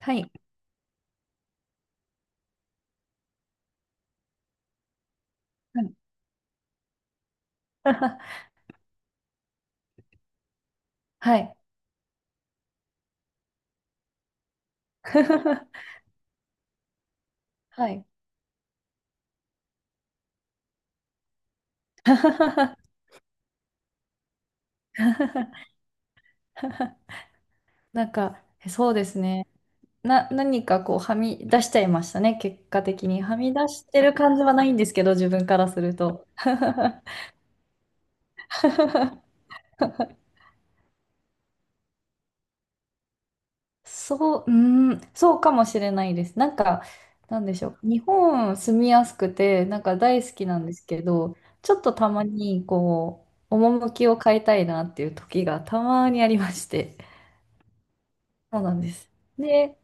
はい。はい。はい。はい。 なんか、そうですね。何かこう、はみ出しちゃいましたね、結果的に。はみ出してる感じはないんですけど、自分からすると。そう、うーん、そうかもしれないです。なんか、なんでしょう。日本住みやすくて、なんか大好きなんですけど、ちょっとたまに、こう、趣を変えたいなっていう時がたまにありまして。そうなんです。で、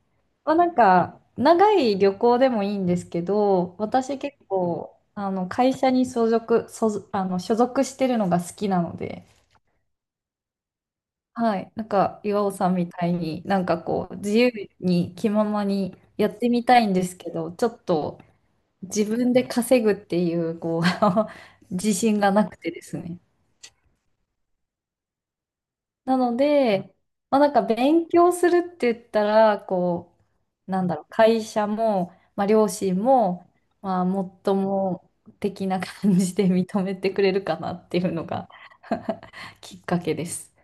まあ、なんか、長い旅行でもいいんですけど、私結構、あの、会社に所属してるのが好きなので、はい、なんか、岩尾さんみたいに、なんかこう、自由に気ままにやってみたいんですけど、ちょっと自分で稼ぐっていう、こう、自信がなくてですね。なので、まあ、なんか勉強するって言ったら、こう、なんだろう、会社も、まあ、両親も、まあ、もっとも的な感じで認めてくれるかなっていうのが きっかけです。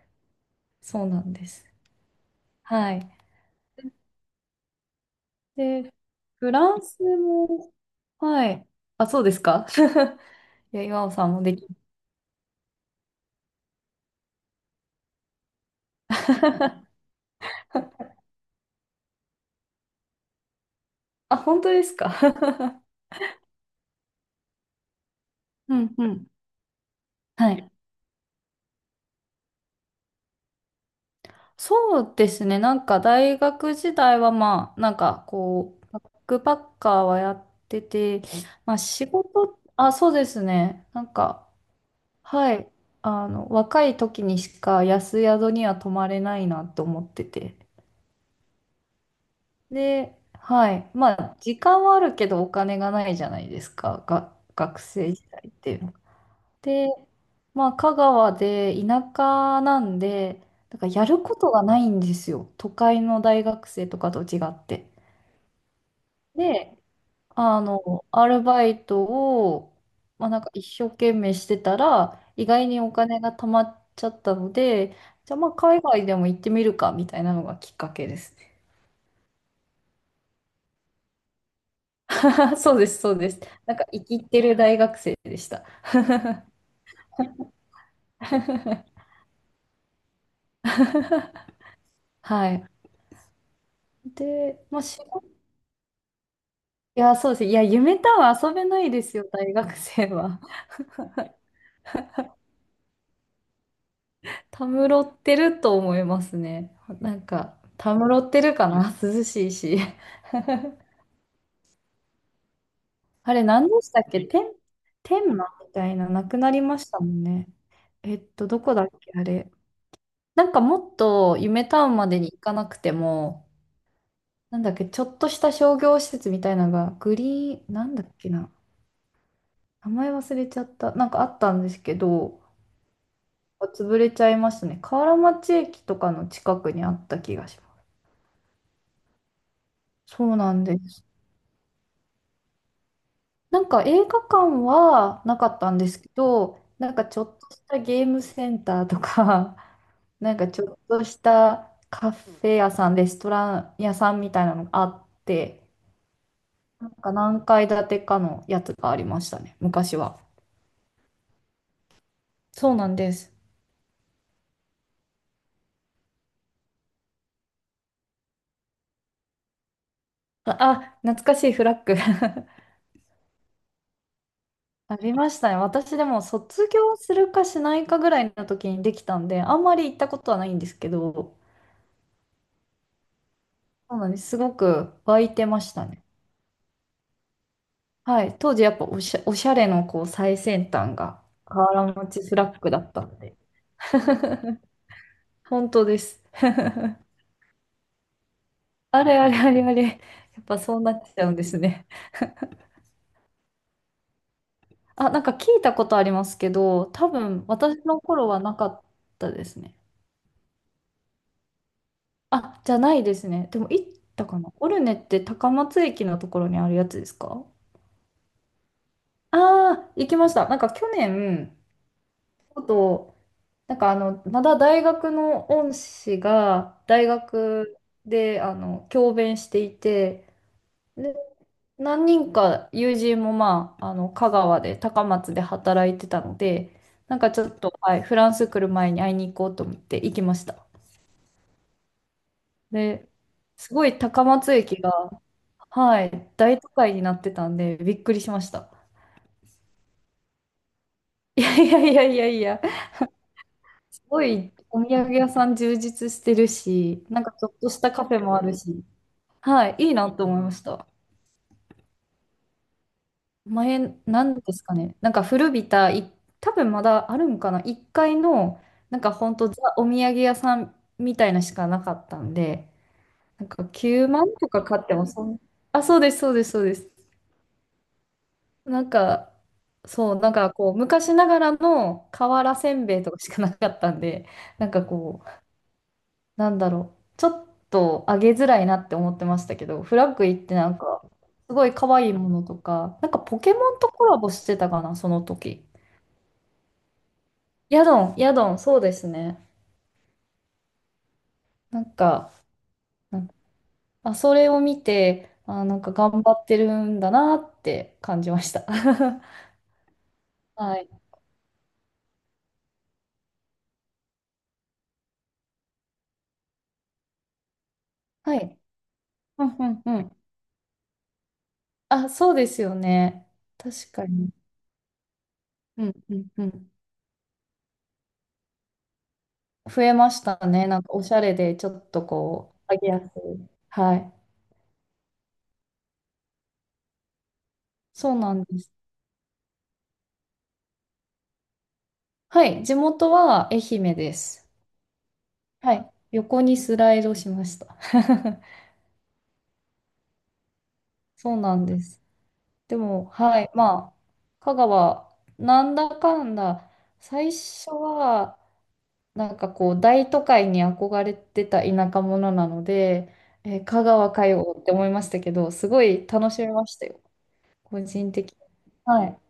そうなんです。はい。で、フランスも、はい。あ、そうですか。いや、岩尾さんもでき、あ、本当ですか。うんうん。はい。そうですね。なんか大学時代はまあ、なんかこう、バックパッカーはやってて、まあ仕事、あ、そうですね。なんか、はい。あの、若い時にしか安宿には泊まれないなと思ってて。で、はい。まあ、時間はあるけどお金がないじゃないですか。が、学生時代って。で、まあ、香川で田舎なんで、だからやることがないんですよ。都会の大学生とかと違って。で、あの、アルバイトを、まあ、なんか一生懸命してたら、意外にお金が貯まっちゃったので、じゃあまあ海外でも行ってみるか、みたいなのがきっかけですね。そうです、そうです。なんか生きてる大学生でした。はい。で、まあ、仕事、いや、そうです。いや、夢とは遊べないですよ、大学生は。たむろってると思いますね。なんか、たむろってるかな、涼しいし。あれ、何でしたっけ、天、天満みたいな、なくなりましたもんね。えっと、どこだっけ、あれ。なんかもっと、夢タウンまでに行かなくても、なんだっけ、ちょっとした商業施設みたいなのが、グリーン、なんだっけな。名前忘れちゃった。なんかあったんですけど、潰れちゃいましたね。河原町駅とかの近くにあった気がします。そうなんです。なんか映画館はなかったんですけど、なんかちょっとしたゲームセンターとか、なんかちょっとしたカフェ屋さん、レストラン屋さんみたいなのがあって、なんか何階建てかのやつがありましたね、昔は。そうなんです。あ、懐かしいフラッグ。 ありましたね。私でも卒業するかしないかぐらいの時にできたんで、あんまり行ったことはないんですけど、そうなんです。すごく湧いてましたね。はい、当時やっぱ、おしゃれのこう最先端が河原町スラックだったんで。本当です。あれあれあれあれ。やっぱそうなっちゃうんですね。あ、なんか聞いたことありますけど、多分私の頃はなかったですね。あ、じゃないですね。でも行ったかな。オルネって高松駅のところにあるやつですか？ああー、行きました。なんか去年、ちょっとなんか、あの、まだ大学の恩師が大学であの教鞭していて、で、何人か友人もまあ、あの香川で高松で働いてたので、なんかちょっと、はい、フランス来る前に会いに行こうと思って行きました。で、すごい高松駅が、はい、大都会になってたんでびっくりしました。いやいやいやいやいや、すごいお土産屋さん充実してるし、なんかちょっとしたカフェもあるし、はい、いいなと思いました。前、なんですかね。なんか古びた、い、多分まだあるんかな。1階の、なんかほんとザ・お土産屋さんみたいなしかなかったんで、なんか9万とか買ってもそん、あ、そうです、そうです、そうです。なんか、そう、なんかこう、昔ながらの瓦せんべいとかしかなかったんで、なんかこなんだろう、ちょっと上げづらいなって思ってましたけど、フラッグイってなんか、すごい可愛いものとか、なんかポケモンとコラボしてたかな、その時。ヤドン、ヤドン、そうですね。なんか、なんあ、それを見て、あ、なんか頑張ってるんだなって感じました。はい。はい。うんうんうん。あ、そうですよね。確かに。うんうんうん。増えましたね。なんかおしゃれで、ちょっとこう、上げやすい。はい。そうなんです。はい、地元は愛媛です。はい、横にスライドしました。そうなんです。でも、はい、まあ、香川、なんだかんだ、最初は、なんかこう、大都会に憧れてた田舎者なので、えー香川かよって思いましたけど、すごい楽しめましたよ、個人的に。はい。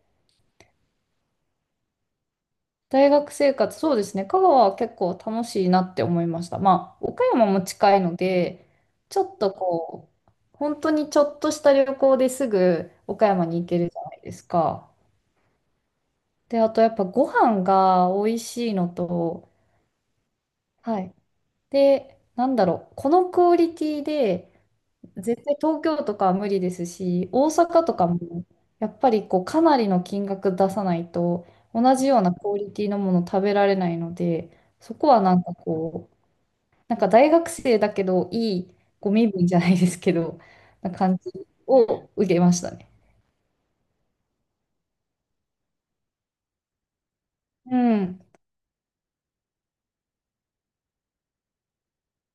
大学生活、そうですね。香川は結構楽しいなって思いました。まあ、岡山も近いので、ちょっとこう、本当にちょっとした旅行ですぐ岡山に行けるじゃないですか。で、あとやっぱご飯が美味しいのと、はい。で、なんだろう、このクオリティで絶対東京とかは無理ですし、大阪とかもやっぱりこうかなりの金額出さないと同じようなクオリティのもの食べられないので、そこはなんかこう、なんか大学生だけどいいご身分じゃないですけど、な感じを受けましたね。うん。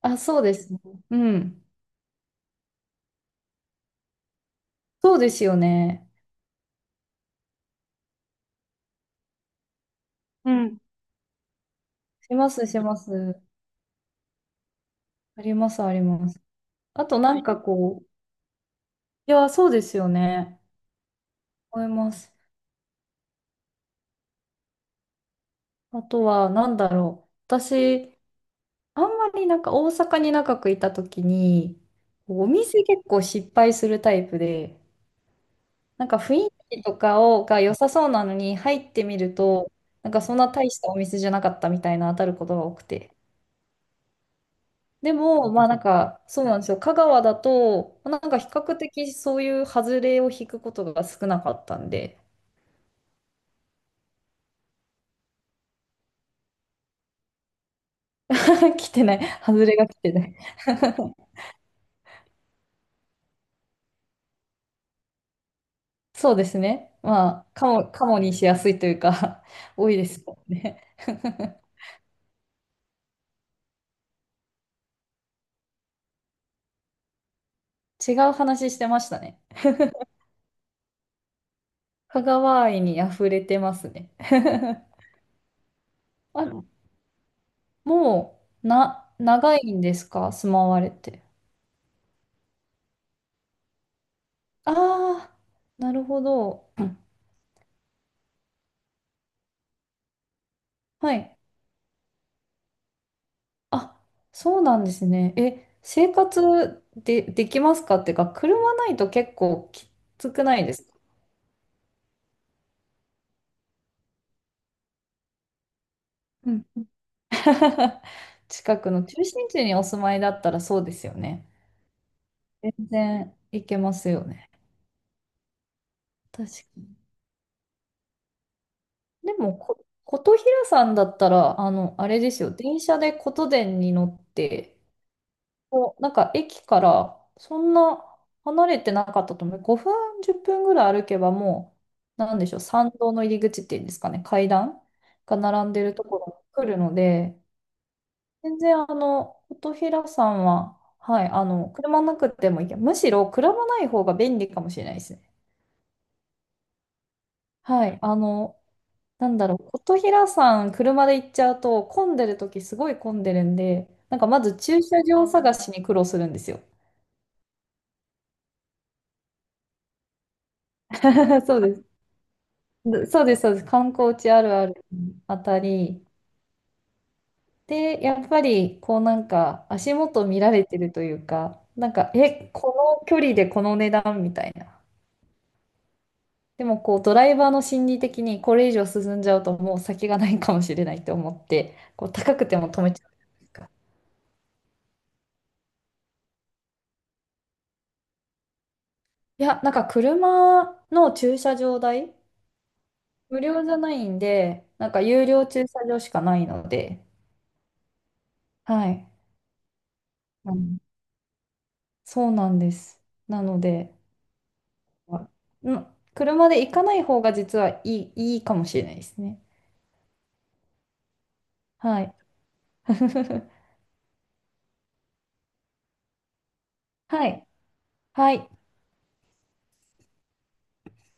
あ、そうですね。うん。そうですよね。うん。します、します。あります、あります。あとなんかこう、いや、そうですよね。思います。あとは、なんだろう。私、あんまりなんか大阪に長くいた時に、お店結構失敗するタイプで、なんか雰囲気とかをが良さそうなのに入ってみると、なんかそんな大したお店じゃなかったみたいな当たることが多くて。でも、まあなんか、そうなんですよ。香川だと、なんか比較的そういう外れを引くことが少なかったんで、来てない。外れが来てない。そうですね。まあ、カモにしやすいというか、 多いですもんね。 違う話してましたね。香川愛に溢れてますね。 あ、もう、長いんですか、住まわれて。ああ、なるほど。はい。あ、そうなんですね。え、生活で、できますかっていうか、車ないと結構きつくないですか？うん。 近くの中心地にお住まいだったらそうですよね。全然いけますよね。確かに。でも、琴平さんだったら、あの、あれですよ、電車で琴電に乗って、こう、なんか駅からそんな離れてなかったと思う。5分、10分ぐらい歩けばもう、なんでしょう、参道の入り口っていうんですかね、階段が並んでるところに来るので、全然あの、琴平さんは、はい、あの、車なくてもいいけど、むしろ車ない方が便利かもしれないですね。はい、あの、なんだろう、琴平さん、車で行っちゃうと、混んでるときすごい混んでるんで、なんかまず駐車場探しに苦労するんですよ。そうです。でそうです、そうです。観光地あるあるあたり。で、やっぱり、こうなんか、足元見られてるというか、なんか、え、この距離でこの値段みたいな。でも、こう、ドライバーの心理的に、これ以上進んじゃうと、もう先がないかもしれないと思って、こう、高くても止めちゃうじゃないですか。いや、なんか、車の駐車場代無料じゃないんで、なんか有料駐車場しかないので、はい。うん、そうなんです。なので、あん車で行かない方が実はいい、いいかもしれないですね。はい。はい。はい。